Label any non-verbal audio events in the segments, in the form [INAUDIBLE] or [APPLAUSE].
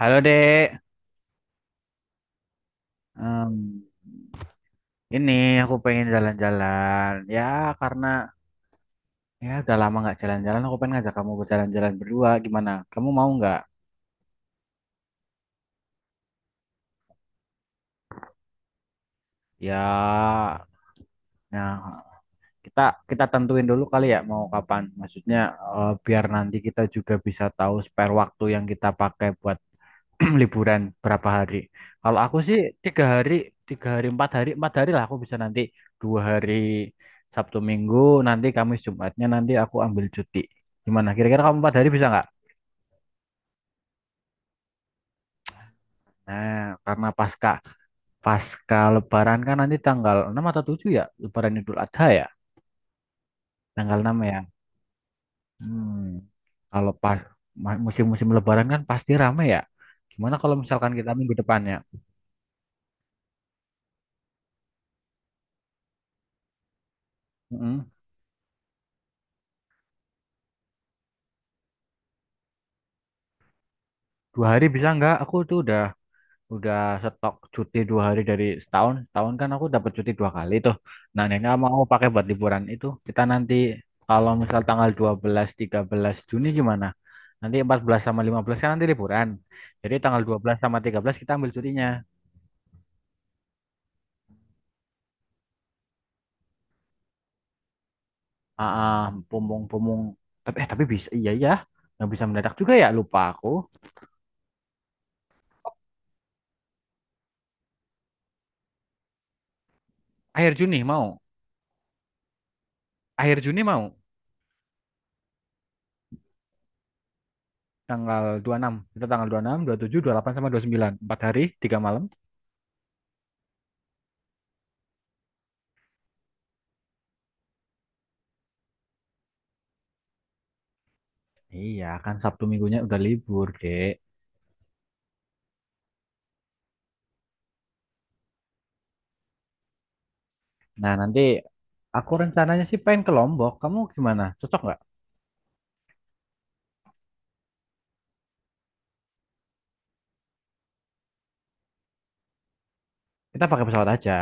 Halo Dek, Em, ini aku pengen jalan-jalan. Ya karena ya udah lama nggak jalan-jalan, aku pengen ngajak kamu berjalan-jalan berdua. Gimana? Kamu mau nggak? Ya, nah kita kita tentuin dulu kali ya mau kapan. Maksudnya biar nanti kita juga bisa tahu spare waktu yang kita pakai buat [CLEARS THROAT] liburan berapa hari. Kalau aku sih tiga hari, tiga hari, empat hari, empat hari lah aku bisa nanti dua hari Sabtu Minggu, nanti Kamis Jumatnya nanti aku ambil cuti. Gimana? Kira-kira kamu empat hari bisa nggak? Nah, karena pasca pasca Lebaran kan nanti tanggal 6 atau 7 ya, Lebaran Idul Adha ya, tanggal 6 ya. Hmm, kalau pas musim-musim Lebaran kan pasti rame ya. Gimana kalau misalkan kita minggu depannya? Mm-mm. Dua hari bisa nggak? Aku tuh udah stok cuti dua hari dari setahun setahun kan aku dapat cuti dua kali tuh. Nah, Nena mau pakai buat liburan itu kita nanti kalau misal tanggal dua belas tiga belas Juni gimana, nanti 14 sama 15 kan nanti liburan, jadi tanggal 12 sama 13 kita ambil cutinya. ah ah, pumung pumung, tapi tapi bisa iya ya, nggak bisa mendadak juga ya, lupa aku. Akhir Juni mau, akhir Juni mau tanggal dua puluh enam, kita tanggal 26 27 delapan sama dua puluh sembilan, 4 hari 3 malam. Iya, kan Sabtu Minggunya udah libur, Dek. Nah, nanti aku rencananya sih pengen ke Lombok. Kamu gimana? Cocok nggak? Kita pakai pesawat aja.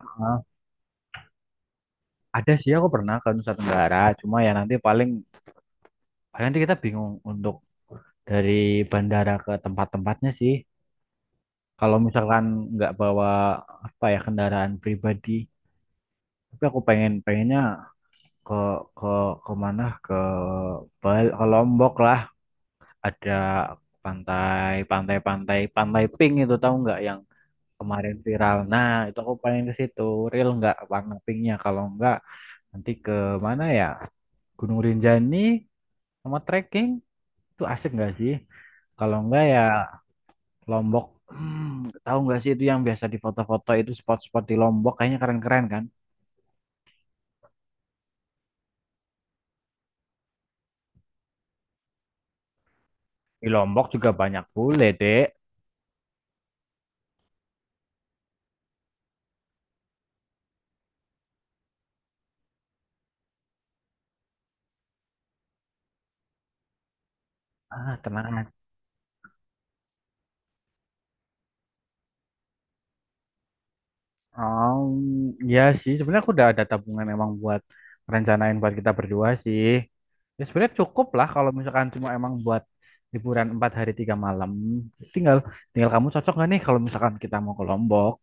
Heeh. Ada sih, aku pernah ke Nusa Tenggara. Cuma ya nanti paling, paling nanti kita bingung untuk dari bandara ke tempat-tempatnya sih. Kalau misalkan nggak bawa apa ya, kendaraan pribadi. Tapi aku pengen pengennya ke ke ke mana? Ke Lombok lah. Ada pantai, pantai, pantai, pantai pink itu tahu nggak yang kemarin viral. Nah, itu aku paling ke situ. Real nggak warna pinknya? Kalau nggak, nanti ke mana ya? Gunung Rinjani sama trekking itu asik nggak sih? Kalau nggak ya Lombok. Hmm, tahu nggak sih itu yang biasa di foto-foto itu spot-spot di Lombok kayaknya keren-keren kan? Di Lombok juga banyak bule, Dek. Ah, tenang. Oh, ya sih. Sebenarnya aku udah ada tabungan emang buat rencanain buat kita berdua sih. Ya sebenarnya cukup lah kalau misalkan cuma emang buat liburan empat hari tiga malam. Tinggal tinggal kamu cocok gak nih kalau misalkan kita mau ke Lombok?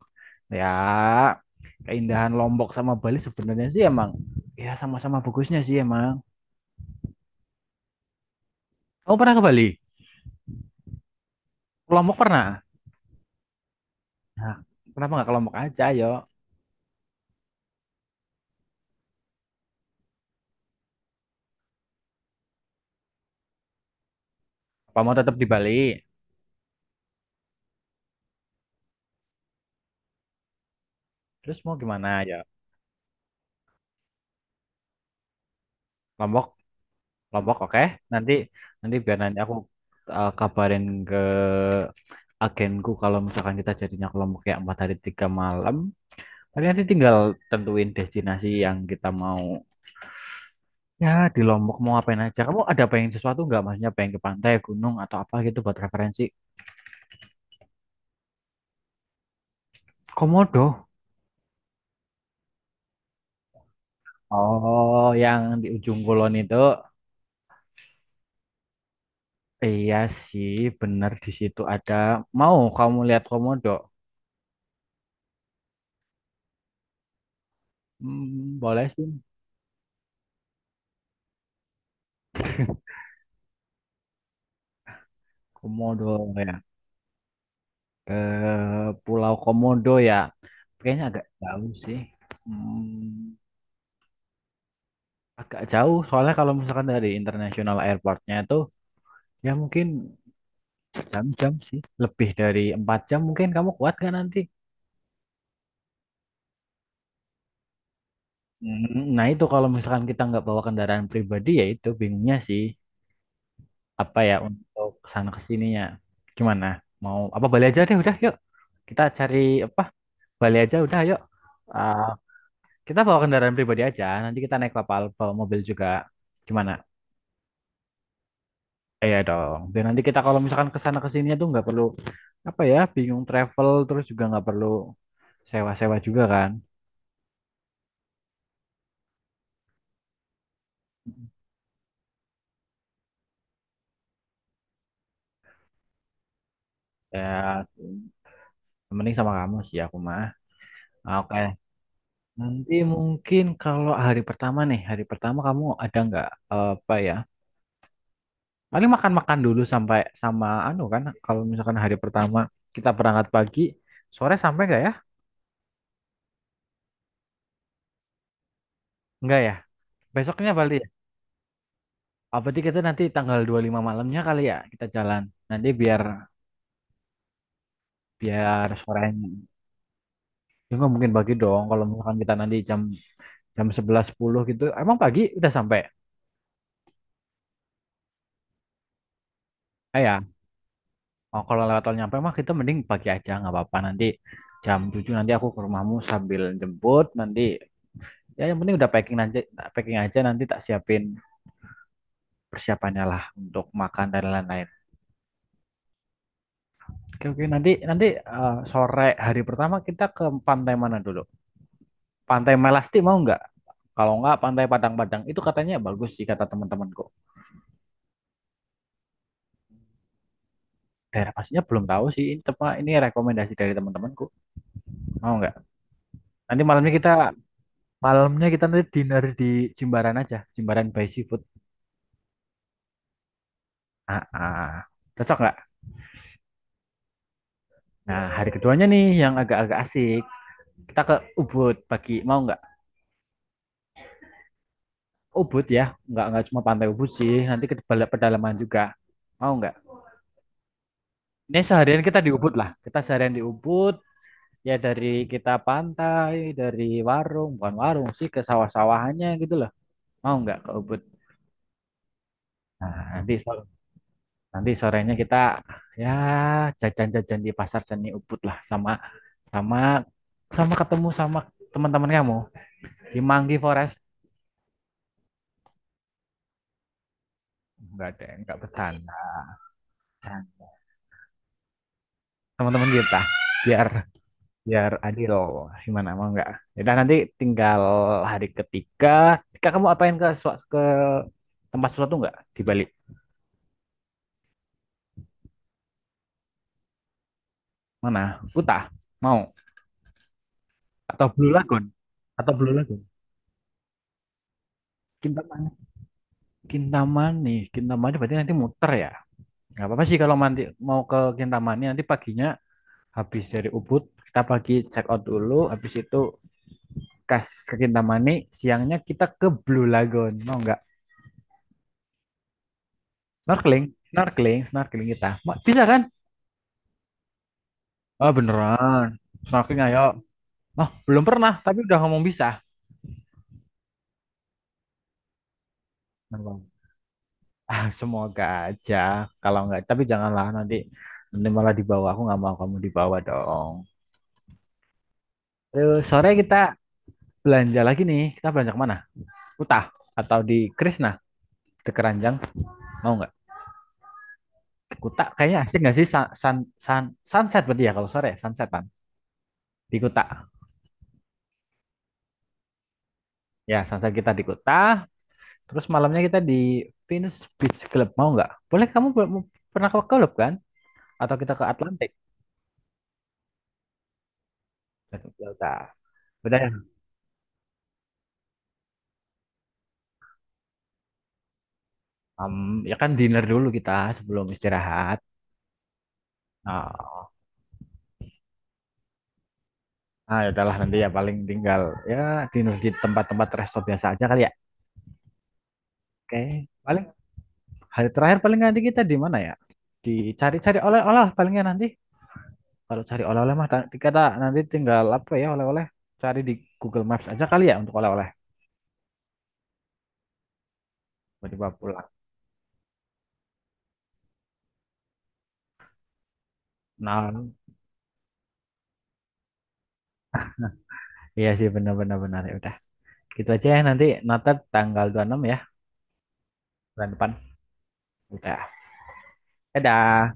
Ya, keindahan Lombok sama Bali sebenarnya sih emang ya sama-sama bagusnya sih emang. Kamu pernah ke Bali? Ke Lombok pernah? Nah, kenapa nggak ke Lombok aja, yo? Apa mau tetap di Bali? Terus mau gimana, ya? Lombok Lombok oke. Nanti nanti biar nanti aku kabarin ke agenku kalau misalkan kita jadinya ke Lombok ya, empat hari tiga malam. Tapi nanti tinggal tentuin destinasi yang kita mau. Ya di Lombok mau ngapain aja. Kamu ada pengen sesuatu nggak? Maksudnya pengen ke pantai, gunung atau apa gitu buat referensi? Komodo. Oh, yang di ujung kulon itu. Iya sih, bener di situ ada. Mau kamu lihat komodo? Hmm, boleh sih. Komodo ya. Ke Pulau Komodo ya. Kayaknya agak jauh sih. Hmm, agak jauh soalnya kalau misalkan dari International Airportnya itu ya mungkin jam-jam sih. Lebih dari empat jam mungkin kamu kuat kan nanti? Hmm, nah itu kalau misalkan kita nggak bawa kendaraan pribadi ya itu bingungnya sih. Apa ya untuk kesana kesininya. Gimana? Mau apa Bali aja deh udah, yuk. Kita cari apa? Bali aja udah yuk. Ah, kita bawa kendaraan pribadi aja, nanti kita naik kapal, bawa mobil juga. Gimana? Iya dong. Dan nanti kita kalau misalkan ke sana ke sininya tuh nggak perlu apa ya, bingung travel terus juga nggak perlu sewa-sewa juga kan. Ya, mending sama kamu sih aku mah. Oke. Nanti mungkin kalau hari pertama nih, hari pertama kamu ada nggak apa ya? Paling makan-makan dulu sampai sama anu kan. Kalau misalkan hari pertama kita berangkat pagi, sore sampai nggak ya? Nggak ya. Besoknya balik. Apa berarti kita nanti tanggal 25 malamnya kali ya kita jalan. Nanti biar biar sorenya. Ya nggak mungkin pagi dong kalau misalkan kita nanti jam jam 11.10 gitu. Emang pagi udah sampai? Ya, oh, kalau lewat tol nyampe mah kita mending pagi aja nggak apa-apa, nanti jam 7 nanti aku ke rumahmu sambil jemput, nanti ya yang penting udah packing aja, packing aja nanti tak siapin persiapannya lah untuk makan dan lain-lain. Oke oke nanti nanti sore hari pertama kita ke Pantai mana dulu? Pantai Melasti mau nggak? Kalau nggak Pantai Padang-Padang itu katanya bagus sih kata teman-temanku. Daerah pastinya belum tahu sih. Ini rekomendasi dari teman-temanku. Mau nggak? Nanti malamnya kita nanti dinner di Jimbaran aja. Jimbaran by Seafood. Ah, ah, cocok nggak? Nah, hari keduanya nih yang agak-agak asik. Kita ke Ubud pagi. Mau nggak? Ubud ya, nggak cuma pantai Ubud sih. Nanti ke pedalaman juga. Mau nggak? Ini seharian kita di Ubud lah. Kita seharian di Ubud, ya dari kita pantai, dari warung, bukan warung sih ke sawah-sawahannya gitu loh. Mau nggak ke Ubud? Nah, nanti so- Nanti sorenya kita ya jajan-jajan di pasar seni Ubud lah sama sama sama ketemu sama teman-teman kamu di Manggi Forest. Nggak ada, enggak bercanda. Teman-teman kita biar biar adil, gimana mau nggak? Ya nanti tinggal hari ketiga. Ketika kamu apain ke tempat sesuatu nggak di Bali? Mana? Kuta. Mau? Atau Blue Lagoon? Atau Blue Lagoon? Kintamani. Kintamani. Kintamani berarti nanti muter ya. Nggak apa-apa sih kalau nanti mau ke Kintamani, nanti paginya habis dari Ubud kita pagi check out dulu. Habis itu kas ke Kintamani. Siangnya kita ke Blue Lagoon. Mau nggak? Snorkeling, snorkeling, snorkeling kita. Bisa kan? Oh beneran. Snorkeling ayo. Oh belum pernah tapi udah ngomong bisa. Beneran. Ah, semoga aja. Kalau nggak tapi janganlah nanti nanti malah dibawa. Aku nggak mau kamu dibawa dong. Terus sore kita belanja lagi nih. Kita belanja kemana? Kuta atau di Krisna di Keranjang mau nggak? Kuta kayaknya asik nggak sih. Sunset berarti ya kalau sore ya, sunsetan di Kuta. Ya sunset kita di Kuta. Terus malamnya kita di Venus Beach Club mau nggak? Boleh kamu pernah ke klub kan? Atau kita ke Atlantik? Kuta. Udah ya. Em, ya kan dinner dulu kita sebelum istirahat. Oh. Nah, ya udahlah nanti ya paling tinggal ya dinner di tempat-tempat resto biasa aja kali ya. Oke, paling hari terakhir paling nanti kita di mana ya? Dicari-cari oleh-oleh palingnya nanti. Kalau cari oleh-oleh mah nanti kata nanti tinggal apa ya oleh-oleh. Cari di Google Maps aja kali ya untuk oleh-oleh. Tiba-tiba pulang. Nah, iya sih benar. Ya udah. Gitu aja ya nanti Natal tanggal 26 ya bulan depan. Udah. Dadah.